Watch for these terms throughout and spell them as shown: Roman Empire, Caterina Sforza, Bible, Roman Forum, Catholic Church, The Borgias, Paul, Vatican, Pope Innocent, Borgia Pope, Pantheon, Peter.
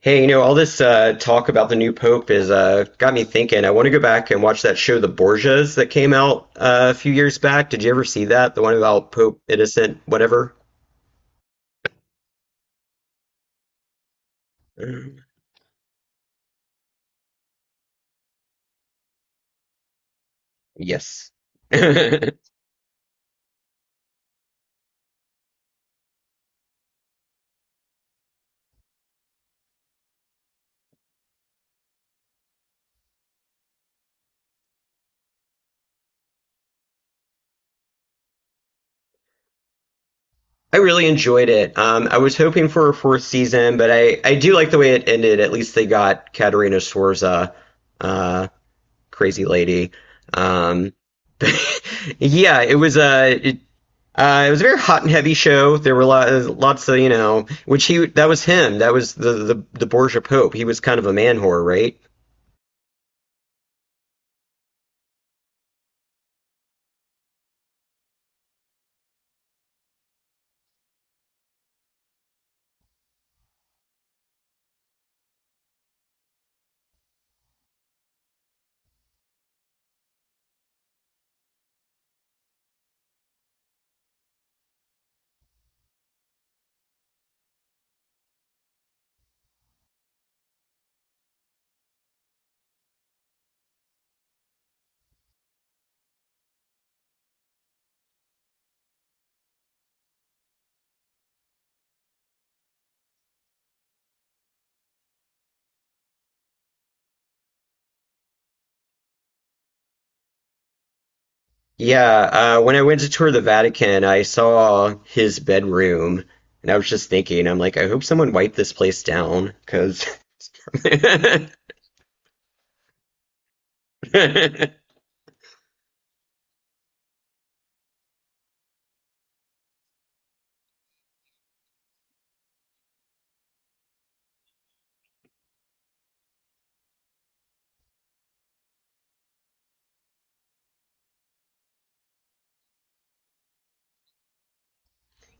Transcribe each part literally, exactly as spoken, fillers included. Hey, you know, all this uh, talk about the new pope is uh, got me thinking. I want to go back and watch that show, The Borgias, that came out uh, a few years back. Did you ever see that? The one about Pope Innocent, whatever? Yes. I really enjoyed it. Um, I was hoping for a fourth season, but I, I do like the way it ended. At least they got Caterina Sforza, uh, crazy lady. Um, yeah, it was uh, it, Uh, it was a very hot and heavy show. There were lot, lots of, you know, which he that was him. That was the the, the Borgia Pope. He was kind of a man whore, right? Yeah. Uh, when I went to tour the Vatican, I saw his bedroom, and I was just thinking, I'm like, I hope someone wiped this place down, because yeah,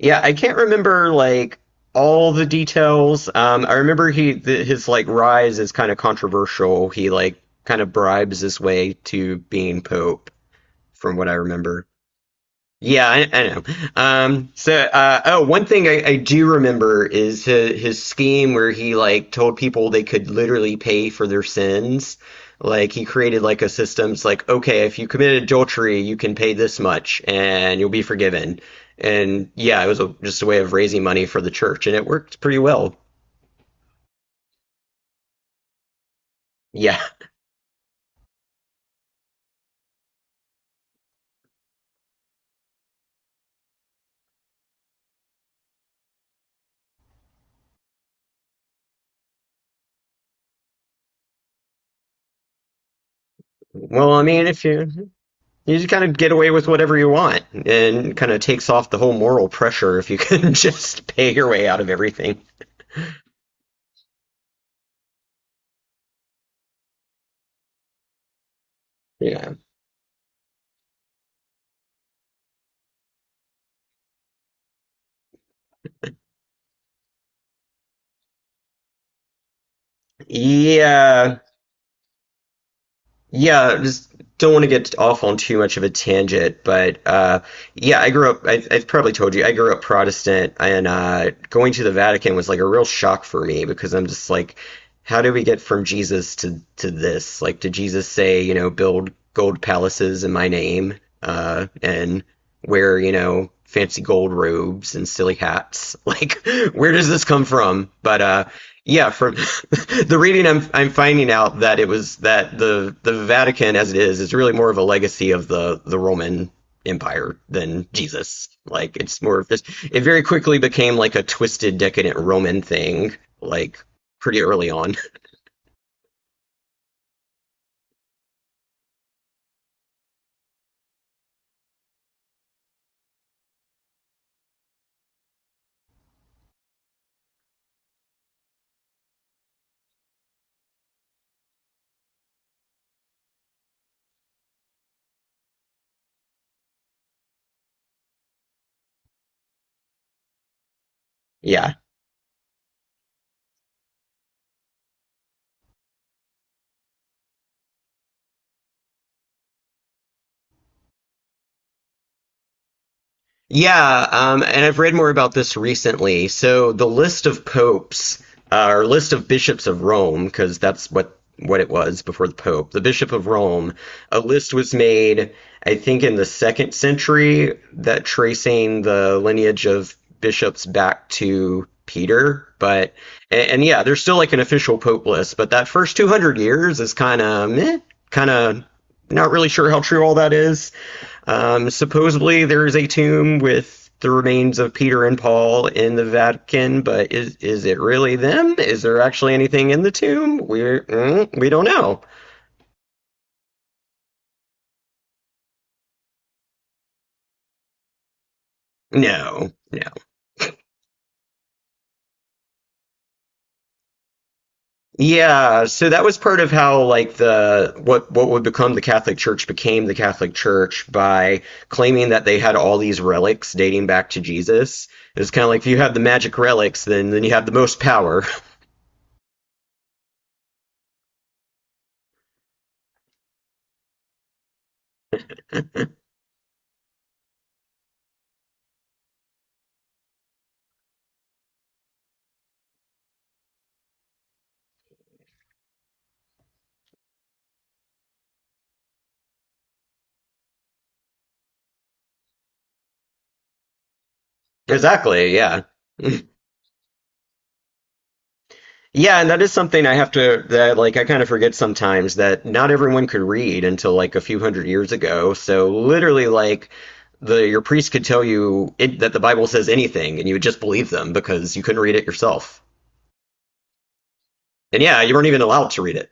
I can't remember like all the details. Um, I remember he th his like rise is kind of controversial. He like kind of bribes his way to being pope. From what I remember. Yeah, I, I know. Um, so, uh, oh, one thing I, I do remember is his, his scheme where he like told people they could literally pay for their sins. Like he created like a system. It's like, okay, if you committed adultery, you can pay this much and you'll be forgiven. And yeah, it was a, just a way of raising money for the church, and it worked pretty well. Yeah. Well, I mean, if you. You just kind of get away with whatever you want and kind of takes off the whole moral pressure if you can just pay your way out of everything. Yeah. Yeah. Yeah, just don't want to get off on too much of a tangent, but uh, yeah, I grew up. I, I've probably told you I grew up Protestant, and uh, going to the Vatican was like a real shock for me because I'm just like, how do we get from Jesus to to this? Like, did Jesus say, you know, build gold palaces in my name, uh, and wear, you know, fancy gold robes and silly hats? Like, where does this come from? But uh, yeah, from the reading, I'm I'm finding out that it was that the the Vatican as it is is really more of a legacy of the the Roman Empire than Jesus. Like it's more of this. It very quickly became like a twisted, decadent Roman thing. Like pretty early on. Yeah. Yeah, um, and I've read more about this recently. So the list of popes, uh, or list of bishops of Rome, because that's what what it was before the pope, the bishop of Rome, a list was made, I think, in the second century, that tracing the lineage of bishops back to Peter. But and, and yeah, there's still like an official pope list, but that first two hundred years is kind of meh, kind of not really sure how true all that is. Um, supposedly, there is a tomb with the remains of Peter and Paul in the Vatican, but is is it really them? Is there actually anything in the tomb? We're mm, we don't know. No, no. Yeah, so that was part of how like the what what would become the Catholic Church became the Catholic Church by claiming that they had all these relics dating back to Jesus. It's kind of like if you have the magic relics, then then you have the most power. Exactly, yeah. Yeah, and that is something I have to that like I kind of forget sometimes that not everyone could read until like a few hundred years ago. So literally like the your priest could tell you it, that the Bible says anything and you would just believe them because you couldn't read it yourself. And yeah, you weren't even allowed to read it.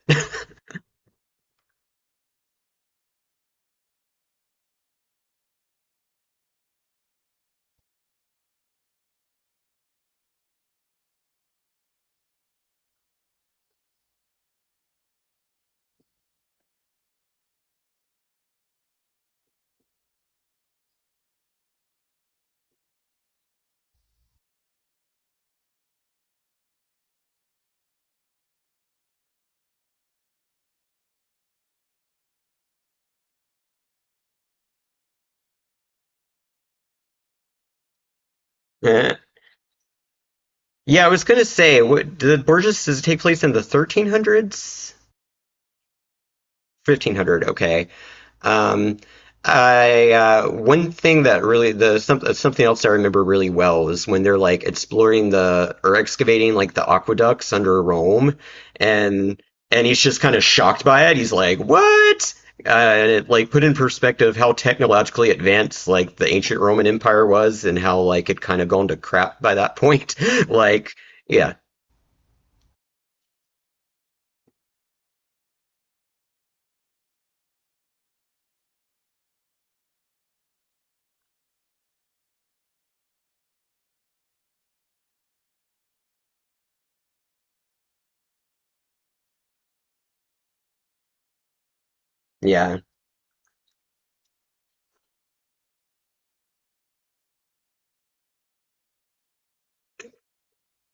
Yeah, I was gonna say, what, did Borges does it take place in the thirteen hundreds? fifteen hundred, okay. um I uh one thing that really the some, something else I remember really well is when they're like exploring the or excavating like the aqueducts under Rome and and he's just kind of shocked by it. He's like, "What?" Uh, and it like put in perspective how technologically advanced like the ancient Roman Empire was and how like it kind of gone to crap by that point. Like, yeah. Yeah.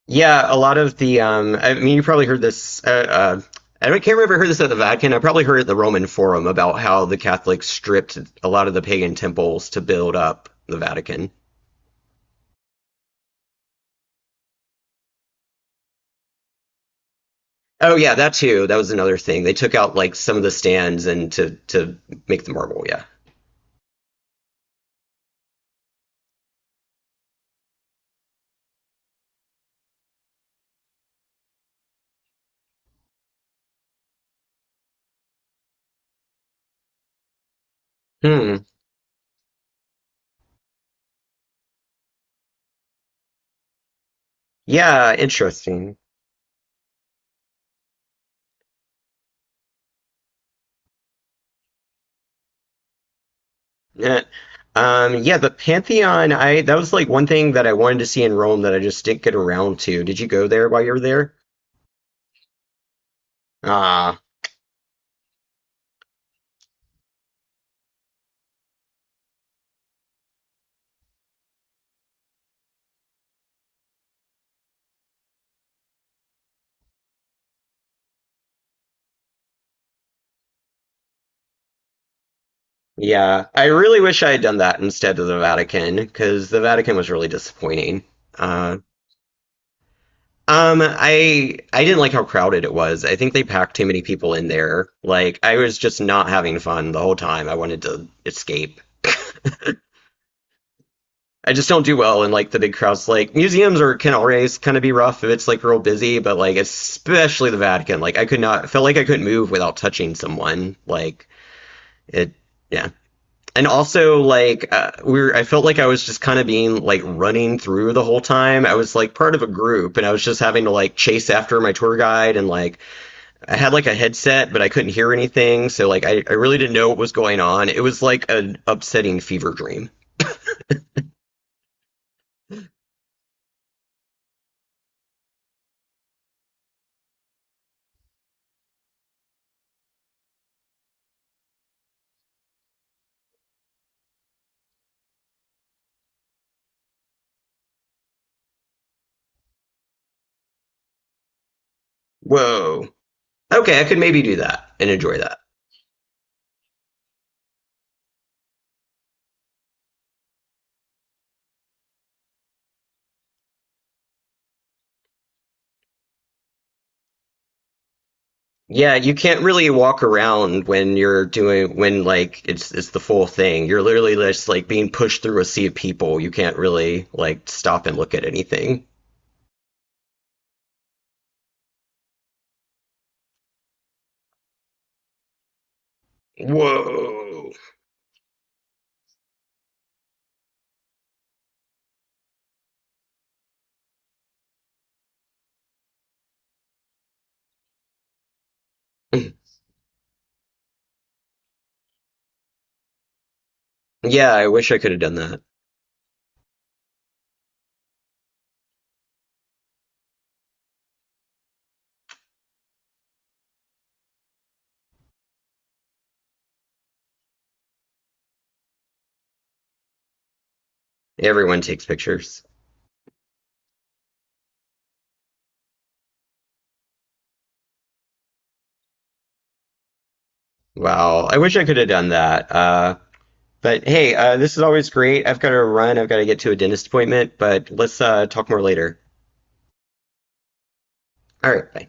Yeah, a lot of the. Um, I mean, you probably heard this. Uh, uh, I don't, can't remember if I heard this at the Vatican. I probably heard it at the Roman Forum about how the Catholics stripped a lot of the pagan temples to build up the Vatican. Oh yeah, that too. That was another thing. They took out like some of the stands and to to make the marble. Yeah. Hmm. Yeah. Interesting. Eh. Um. Yeah. The Pantheon. I that was like one thing that I wanted to see in Rome that I just didn't get around to. Did you go there while you were there? Ah. Yeah, I really wish I had done that instead of the Vatican because the Vatican was really disappointing. Uh, um, I I didn't like how crowded it was. I think they packed too many people in there. Like I was just not having fun the whole time. I wanted to escape. I just don't do well in like the big crowds. Like museums or can always kind of be rough if it's like real busy, but like especially the Vatican. Like I could not felt like I couldn't move without touching someone. Like it, yeah. And also like uh, we were, I felt like I was just kind of being like running through the whole time. I was like part of a group, and I was just having to like chase after my tour guide, and like I had like a headset, but I couldn't hear anything, so like I, I really didn't know what was going on. It was like an upsetting fever dream. Whoa. Okay, I could maybe do that and enjoy that. Yeah, you can't really walk around when you're doing when like it's it's the full thing. You're literally just like being pushed through a sea of people. You can't really like stop and look at anything. Whoa. Yeah, I wish I could have done that. Everyone takes pictures. Wow, I wish I could have done that. Uh, but hey, uh, this is always great. I've got to run. I've got to get to a dentist appointment, but let's uh, talk more later. All right, bye.